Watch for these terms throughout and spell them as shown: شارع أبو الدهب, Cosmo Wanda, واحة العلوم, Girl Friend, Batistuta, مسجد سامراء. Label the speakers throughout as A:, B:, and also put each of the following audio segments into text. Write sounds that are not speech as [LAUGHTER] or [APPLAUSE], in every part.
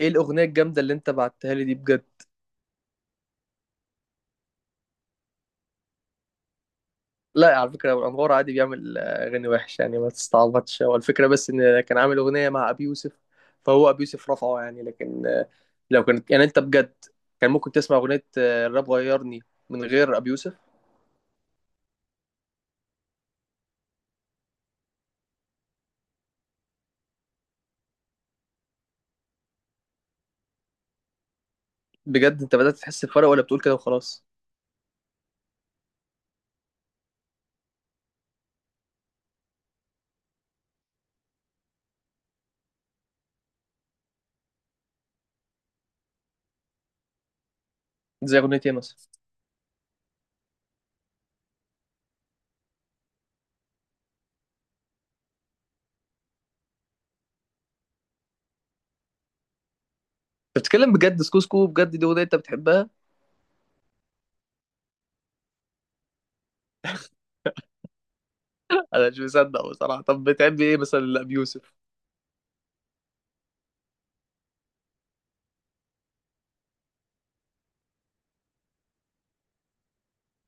A: ايه الاغنيه الجامده اللي انت بعتها لي دي بجد؟ لا على فكره، ابو انوار عادي بيعمل اغاني وحش، يعني ما تستعبطش. هو الفكره بس ان كان عامل اغنيه مع ابي يوسف، فهو ابي يوسف رفعه يعني. لكن لو كانت يعني انت بجد كان ممكن تسمع اغنيه الراب غيرني من غير ابي يوسف. بجد انت بدات تحس بفرق ولا بتقول كده وخلاص؟ زي اغنيه ايه مثلا؟ أنت بتتكلم بجد؟ سكو سكو بجد دي اغنيه انت بتحبها؟ انا مش مصدق بصراحه. طب بتحب ايه مثلا لابي يوسف؟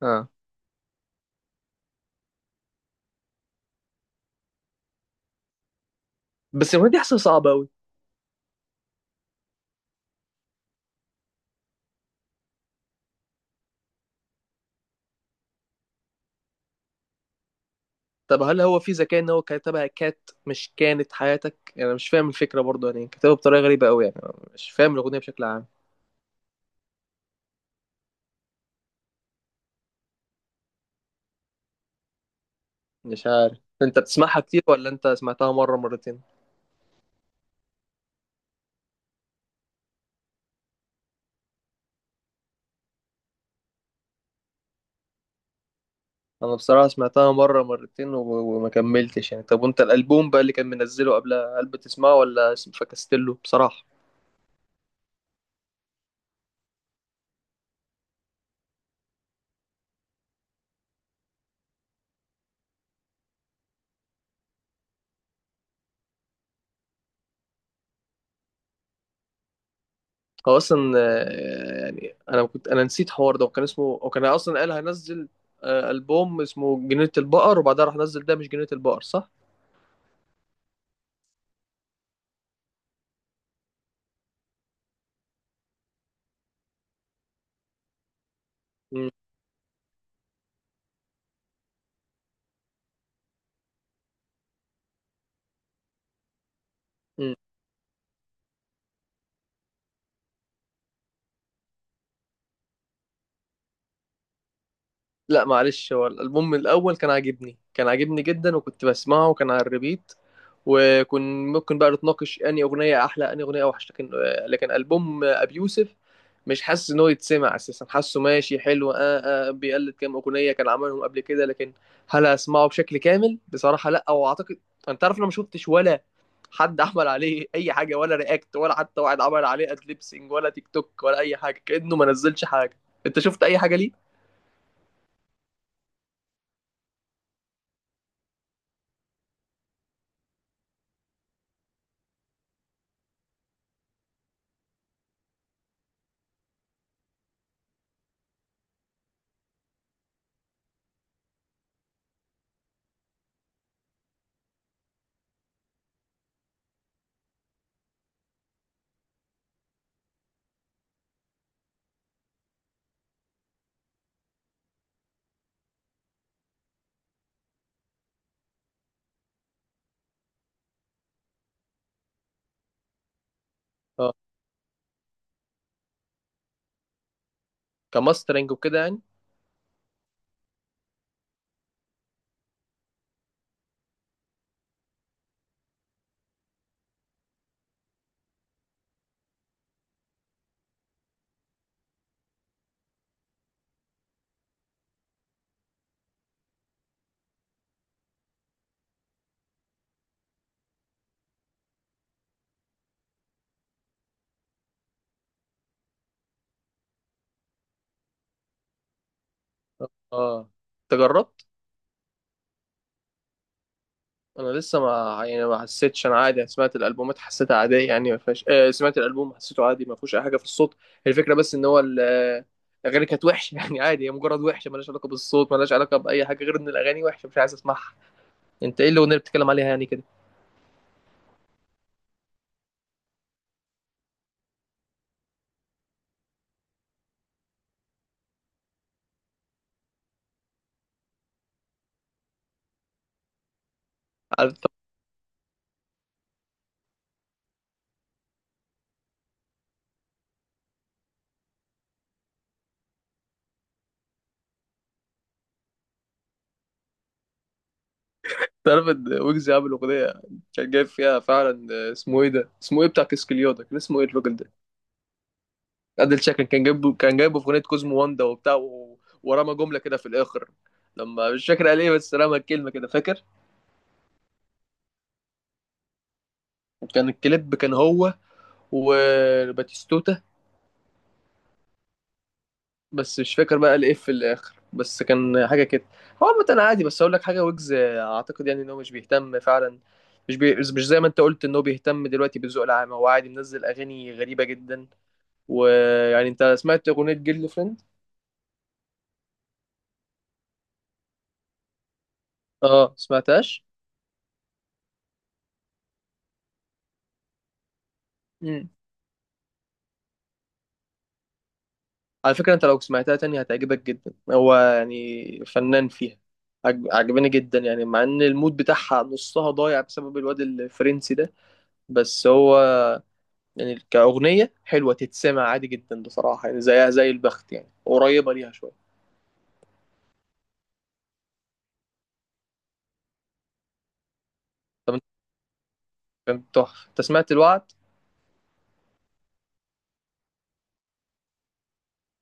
A: اه. بس الاغنيه دي حاسسها صعبه قوي. طب هل هو في ذكاء ان هو كتبها كات مش كانت حياتك؟ يعني أنا مش فاهم الفكره برضه، يعني كتبها بطريقه غريبه قوي، يعني أنا مش فاهم الاغنيه بشكل عام. مش عارف، انت بتسمعها كتير ولا انت سمعتها مره مرتين؟ انا بصراحه سمعتها مره مرتين وما كملتش يعني. طب وانت الالبوم بقى اللي كان منزله قبلها، هل بتسمعه ولا فكست له بصراحه؟ هو اصلا يعني انا كنت نسيت حوار ده، وكان اسمه، وكان اصلا قال هنزل البوم اسمه جنينه البقر، وبعدها راح نزل ده مش جنينه البقر، صح؟ لا معلش، هو الالبوم الاول كان عاجبني، كان عاجبني جدا وكنت بسمعه وكان على الريبيت، وكن ممكن بقى نتناقش اني اغنيه احلى اني اغنيه اوحش، لكن لكن البوم ابي يوسف مش حاسس ان هو يتسمع اساسا. حاسه ماشي حلو، بيقلد كام اغنيه كان عملهم قبل كده، لكن هل اسمعه بشكل كامل بصراحه لا. واعتقد انت عارف، انا ما شفتش ولا حد عمل عليه اي حاجه، ولا رياكت، ولا حتى واحد عمل عليه ادليبسينج، ولا تيك توك، ولا اي حاجه. كانه ما نزلش حاجه. انت شفت اي حاجه ليه؟ كماسترنج وكده يعني. اه، انت جربت؟ انا لسه ما يعني ما حسيتش، انا عادي سمعت الالبومات حسيتها عاديه، يعني ما فيهاش سمعت الالبوم حسيته عادي، ما فيهوش اي حاجه في الصوت. الفكره بس ان هو الاغاني كانت وحشه [LAUGHS] يعني، عادي، هي مجرد وحشه، مالهاش علاقه بالصوت، مالهاش علاقه باي حاجه غير ان الاغاني وحشه، مش عايز اسمعها. انت ايه الاغنيه اللي بتتكلم عليها يعني كده؟ عارف تعرف ان ويجز عامل اغنيه كان جايب فيها فعلا اسمه ايه ده، اسمه ايه بتاع كسكليودا، كان اسمه ايه الراجل ده؟ ادل شكل. كان جايبه، كان جايبه في اغنيه كوزمو واندا وبتاع ورمى جمله كده في الاخر. لما مش فاكر قال ايه، بس رمى الكلمه كده فاكر. وكان الكليب كان هو وباتيستوتا. بس مش فاكر بقى قال ايه في الاخر، بس كان حاجه كده. هو عامه انا عادي، بس اقول لك حاجه، ويجز اعتقد يعني ان هو مش بيهتم فعلا. مش زي ما انت قلت ان هو بيهتم دلوقتي بالذوق العام. هو عادي منزل اغاني غريبه جدا. ويعني انت سمعت اغنيه جيرل فريند؟ اه، سمعتهاش. مم. على فكرة انت لو سمعتها تاني هتعجبك جدا، هو يعني فنان فيها. عجباني جدا يعني، مع ان المود بتاعها نصها ضايع بسبب الواد الفرنسي ده. بس هو يعني كأغنية حلوة تتسمع عادي جدا بصراحة، يعني زيها زي البخت، يعني قريبة ليها شوية. طب انت كان تحفة، انت سمعت الوعد؟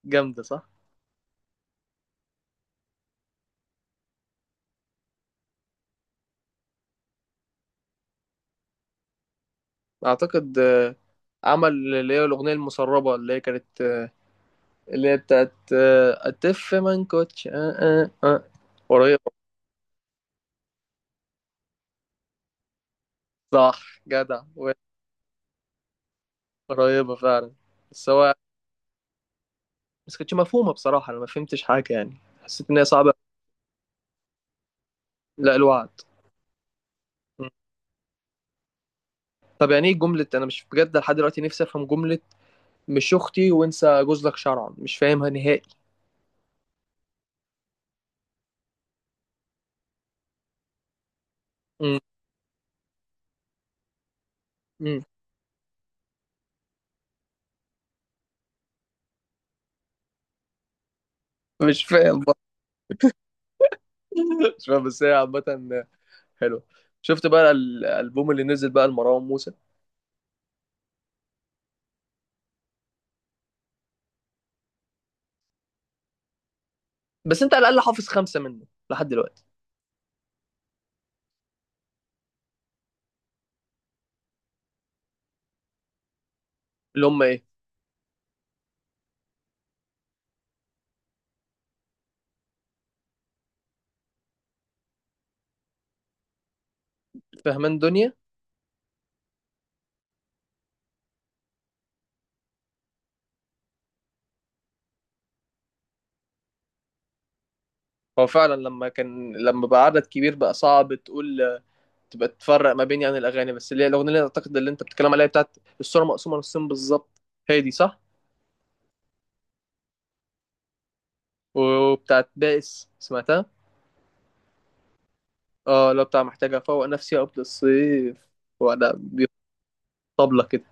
A: جامدة، صح؟ اعتقد عمل اللي هي الأغنية المسربة اللي هي كانت اللي هي بتاعت أتف منكوتش آه آه قريبة. صح جدع، قريبة فعلا. بس هو، بس كانتش مفهومة بصراحة، أنا ما فهمتش حاجة يعني، حسيت إن هي صعبة. لا الوعد. م. طب يعني إيه جملة، أنا مش بجد لحد دلوقتي نفسي أفهم جملة مش أختي وانسى جوزلك شرعا، مش فاهمها نهائي. م. م. مش فاهم بقى. [LAUGHS] مش فاهم، بس هي عامة حلوة. شفت بقى الألبوم اللي نزل بقى لمروان موسى؟ بس أنت على الأقل حافظ 5 منه لحد دلوقتي. اللي هم إيه؟ فهمان دنيا. هو فعلا لما كان لما بقى عدد كبير بقى صعب تقول، تبقى تفرق ما بين يعني الاغاني. بس اللي هي الاغنيه اللي اعتقد اللي انت بتتكلم عليها بتاعت الصوره مقسومه نصين بالظبط، هي دي، صح؟ وبتاعت بائس سمعتها؟ اه لو بتاع محتاجه افوق نفسي قبل الصيف. وانا طبلة كده.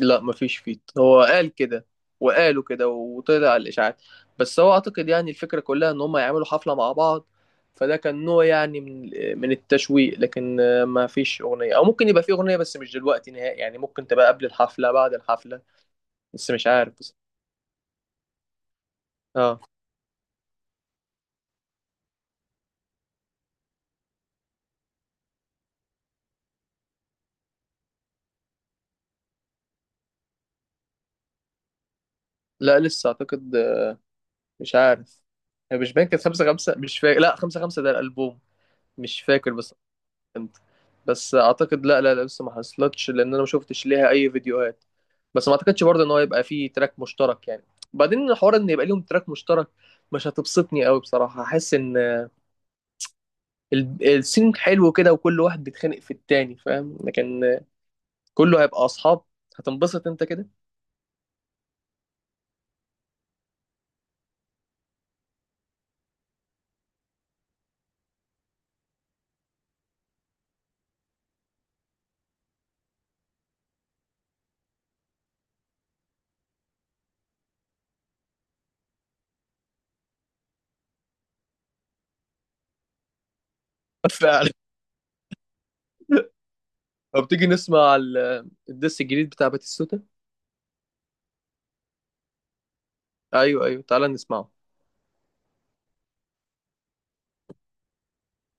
A: لا مفيش فيت، هو قال كده وقالوا كده وطلع على الاشاعات. بس هو اعتقد يعني الفكره كلها ان هم يعملوا حفله مع بعض، فده كان نوع يعني من من التشويق. لكن ما فيش اغنيه، او ممكن يبقى في اغنيه بس مش دلوقتي نهائي، يعني ممكن تبقى قبل الحفله بعد الحفله، بس مش عارف. اه. لا لسه اعتقد، مش عارف. هي مش باين كانت 5-5، مش فاكر، لا 5-5 ده الألبوم، مش فاكر بس. انت بس اعتقد لا لسه ما حصلتش، لان انا ما شفتش ليها اي فيديوهات. بس ما اعتقدش برضه ان هو يبقى فيه تراك مشترك يعني، بعدين الحوار ان يبقى ليهم تراك مشترك مش هتبسطني قوي بصراحة. احس ان السين حلو كده وكل واحد بيتخانق في التاني، فاهم؟ لكن كله هيبقى اصحاب، هتنبسط انت كده؟ [LAUGHS] فعلا. طب تيجي نسمع الدس الجديد بتاع باتيستوتا؟ ايوه ايوه، تعالى نسمعه.